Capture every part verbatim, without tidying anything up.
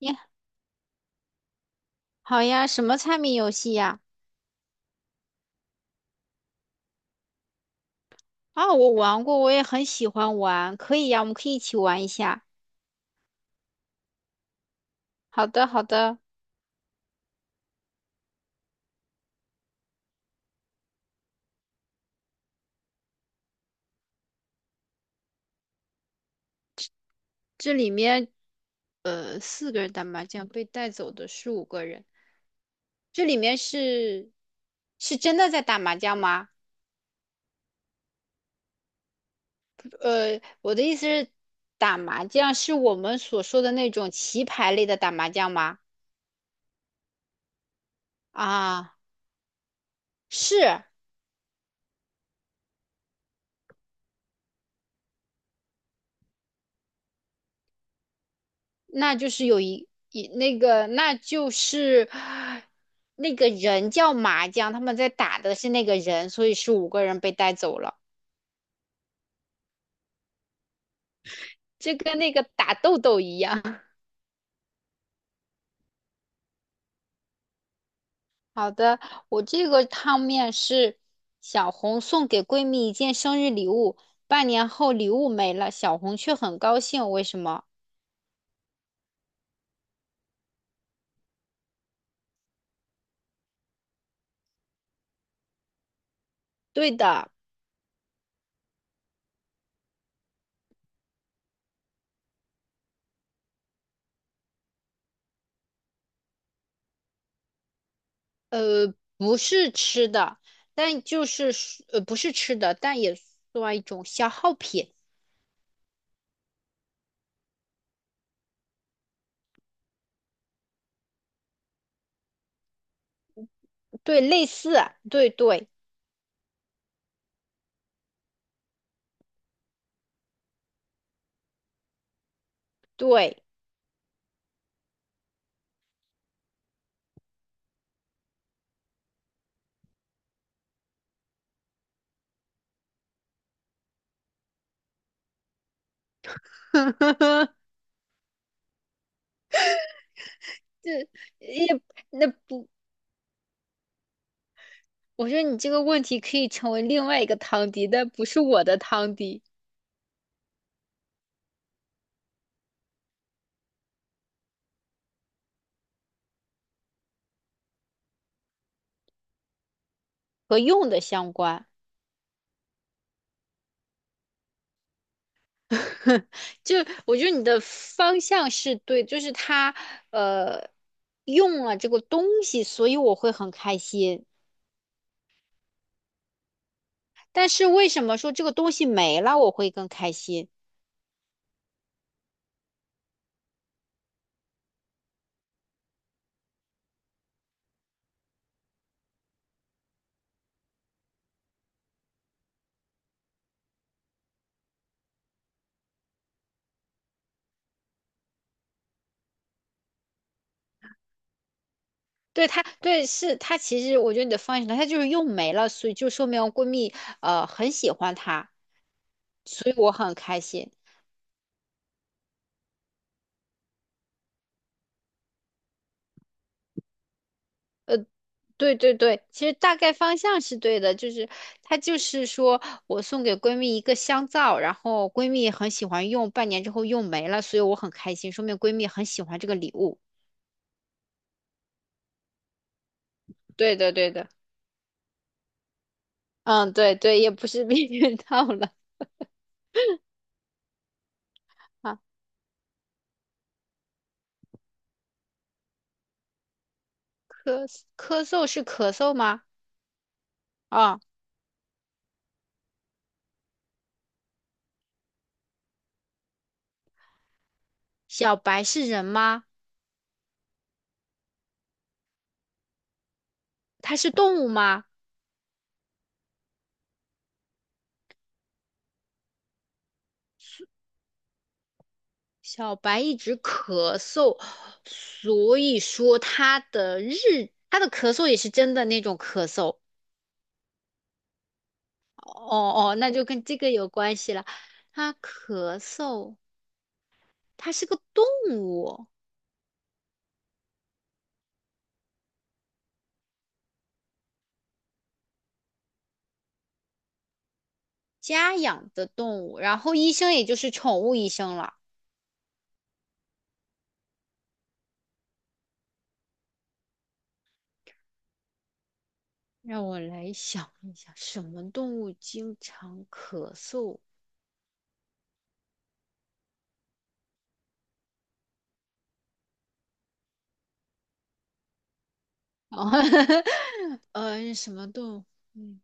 你好呀，什么猜谜游戏呀？啊，我玩过，我也很喜欢玩，可以呀，我们可以一起玩一下。好的，好的，这里面呃四个人打麻将，被带走的是五个人，这里面是是真的在打麻将吗？呃，我的意思是，打麻将是我们所说的那种棋牌类的打麻将吗？啊，是。那就是有一一那个，那就是那个人叫麻将，他们在打的是那个人，所以是五个人被带走了。就跟那个打豆豆一样。好的，我这个汤面是小红送给闺蜜一件生日礼物，半年后礼物没了，小红却很高兴，为什么？对的。呃，不是吃的，但就是呃不是吃的，但也算一种消耗品。对，类似，对对对。这也那不，我觉得你这个问题可以成为另外一个汤底，但不是我的汤底。和用的相关。就我觉得你的方向是对，就是他呃用了这个东西，所以我会很开心。但是为什么说这个东西没了我会更开心？对他，对是他，其实我觉得你的方向是对，他就是用没了，所以就说明闺蜜呃很喜欢他，所以我很开心。呃，对对对，其实大概方向是对的，就是他就是说我送给闺蜜一个香皂，然后闺蜜很喜欢用，半年之后用没了，所以我很开心，说明闺蜜很喜欢这个礼物。对的对的，嗯，对对，也不是避孕套了。啊，咳咳嗽是咳嗽吗？啊，小白是人吗？它是动物吗？小白一直咳嗽，所以说他的日，他的咳嗽也是真的那种咳嗽。哦哦，那就跟这个有关系了。他咳嗽，他是个动物，家养的动物，然后医生也就是宠物医生了。让我来想一想，什么动物经常咳嗽？哦，呃，什么动物？嗯，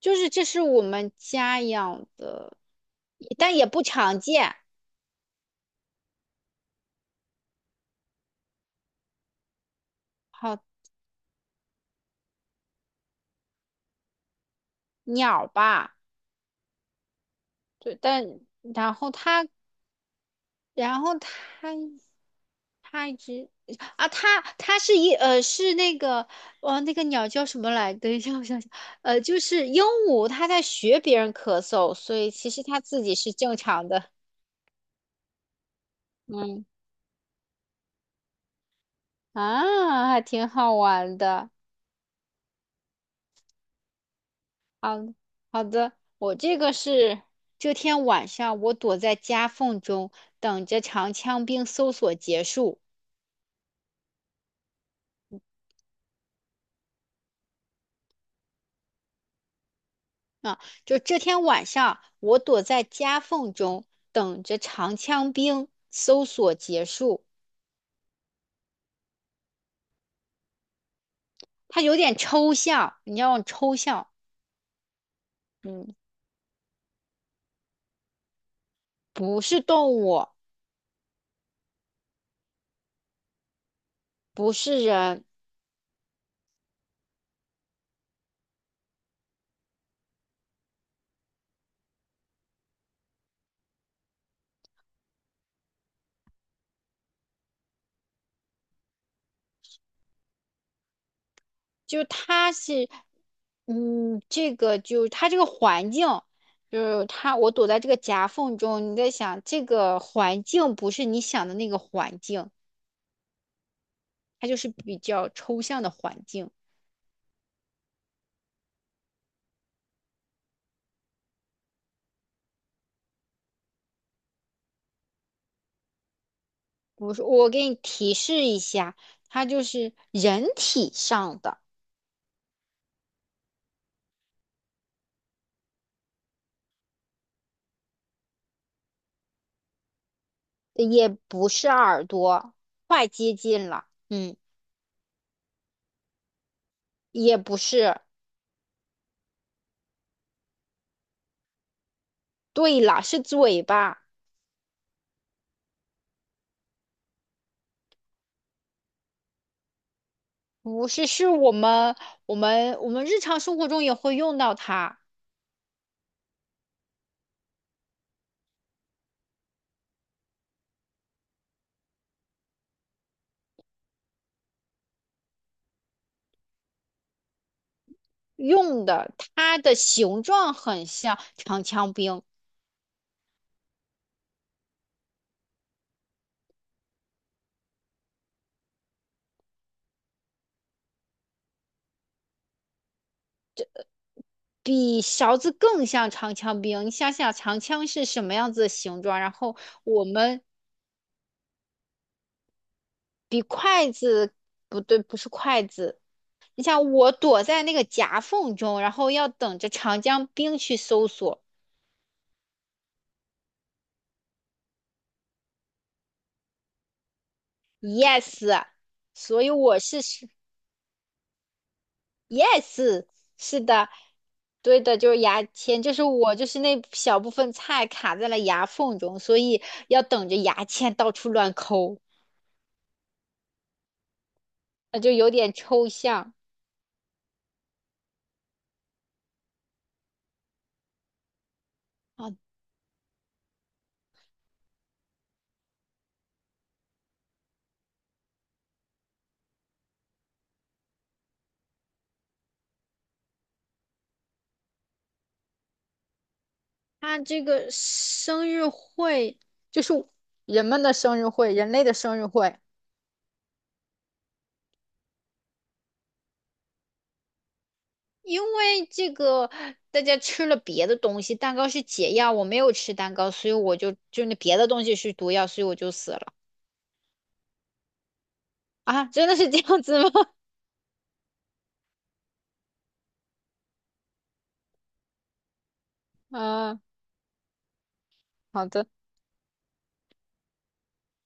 就是这是我们家养的，但也不常见。好，鸟吧，对，但然后它，然后它，它一直啊，它它是一呃是那个哦，那个鸟叫什么来？等一下，我想想，呃，就是鹦鹉，它在学别人咳嗽，所以其实它自己是正常的。嗯，啊，还挺好玩的。好，好的，我这个是这天晚上，我躲在夹缝中，等着长枪兵搜索结束。啊，就这天晚上，我躲在夹缝中，等着长枪兵搜索结束。它有点抽象，你要抽象。嗯，不是动物，不是人，就是它是，嗯，这个就是它这个环境，就是它，我躲在这个夹缝中，你在想这个环境不是你想的那个环境，它就是比较抽象的环境。我说我给你提示一下，它就是人体上的，也不是耳朵，快接近了。嗯，也不是，对了，是嘴巴。不是，是我们我们我们日常生活中也会用到它。用的，它的形状很像长枪兵，比勺子更像长枪兵。你想想，长枪是什么样子的形状？然后我们比筷子，不对，不是筷子。你想，我躲在那个夹缝中，然后要等着长江兵去搜索。Yes，所以我是 Yes，是的，对的，就是牙签，就是我就是那小部分菜卡在了牙缝中，所以要等着牙签到处乱抠，那就有点抽象啊。他这个生日会就是人们的生日会，人类的生日会，因为这个大家吃了别的东西，蛋糕是解药，我没有吃蛋糕，所以我就就那别的东西是毒药，所以我就死了。啊，真的是这样子吗？啊，好的。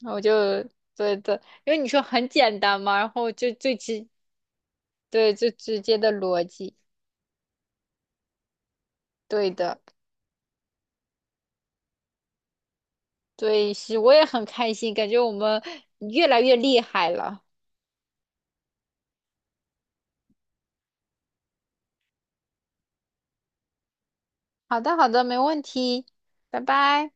然后我就对的，因为你说很简单嘛，然后就最直，对，最直接的逻辑。对的，对，是，我也很开心，感觉我们越来越厉害了。好的，好的，没问题，拜拜。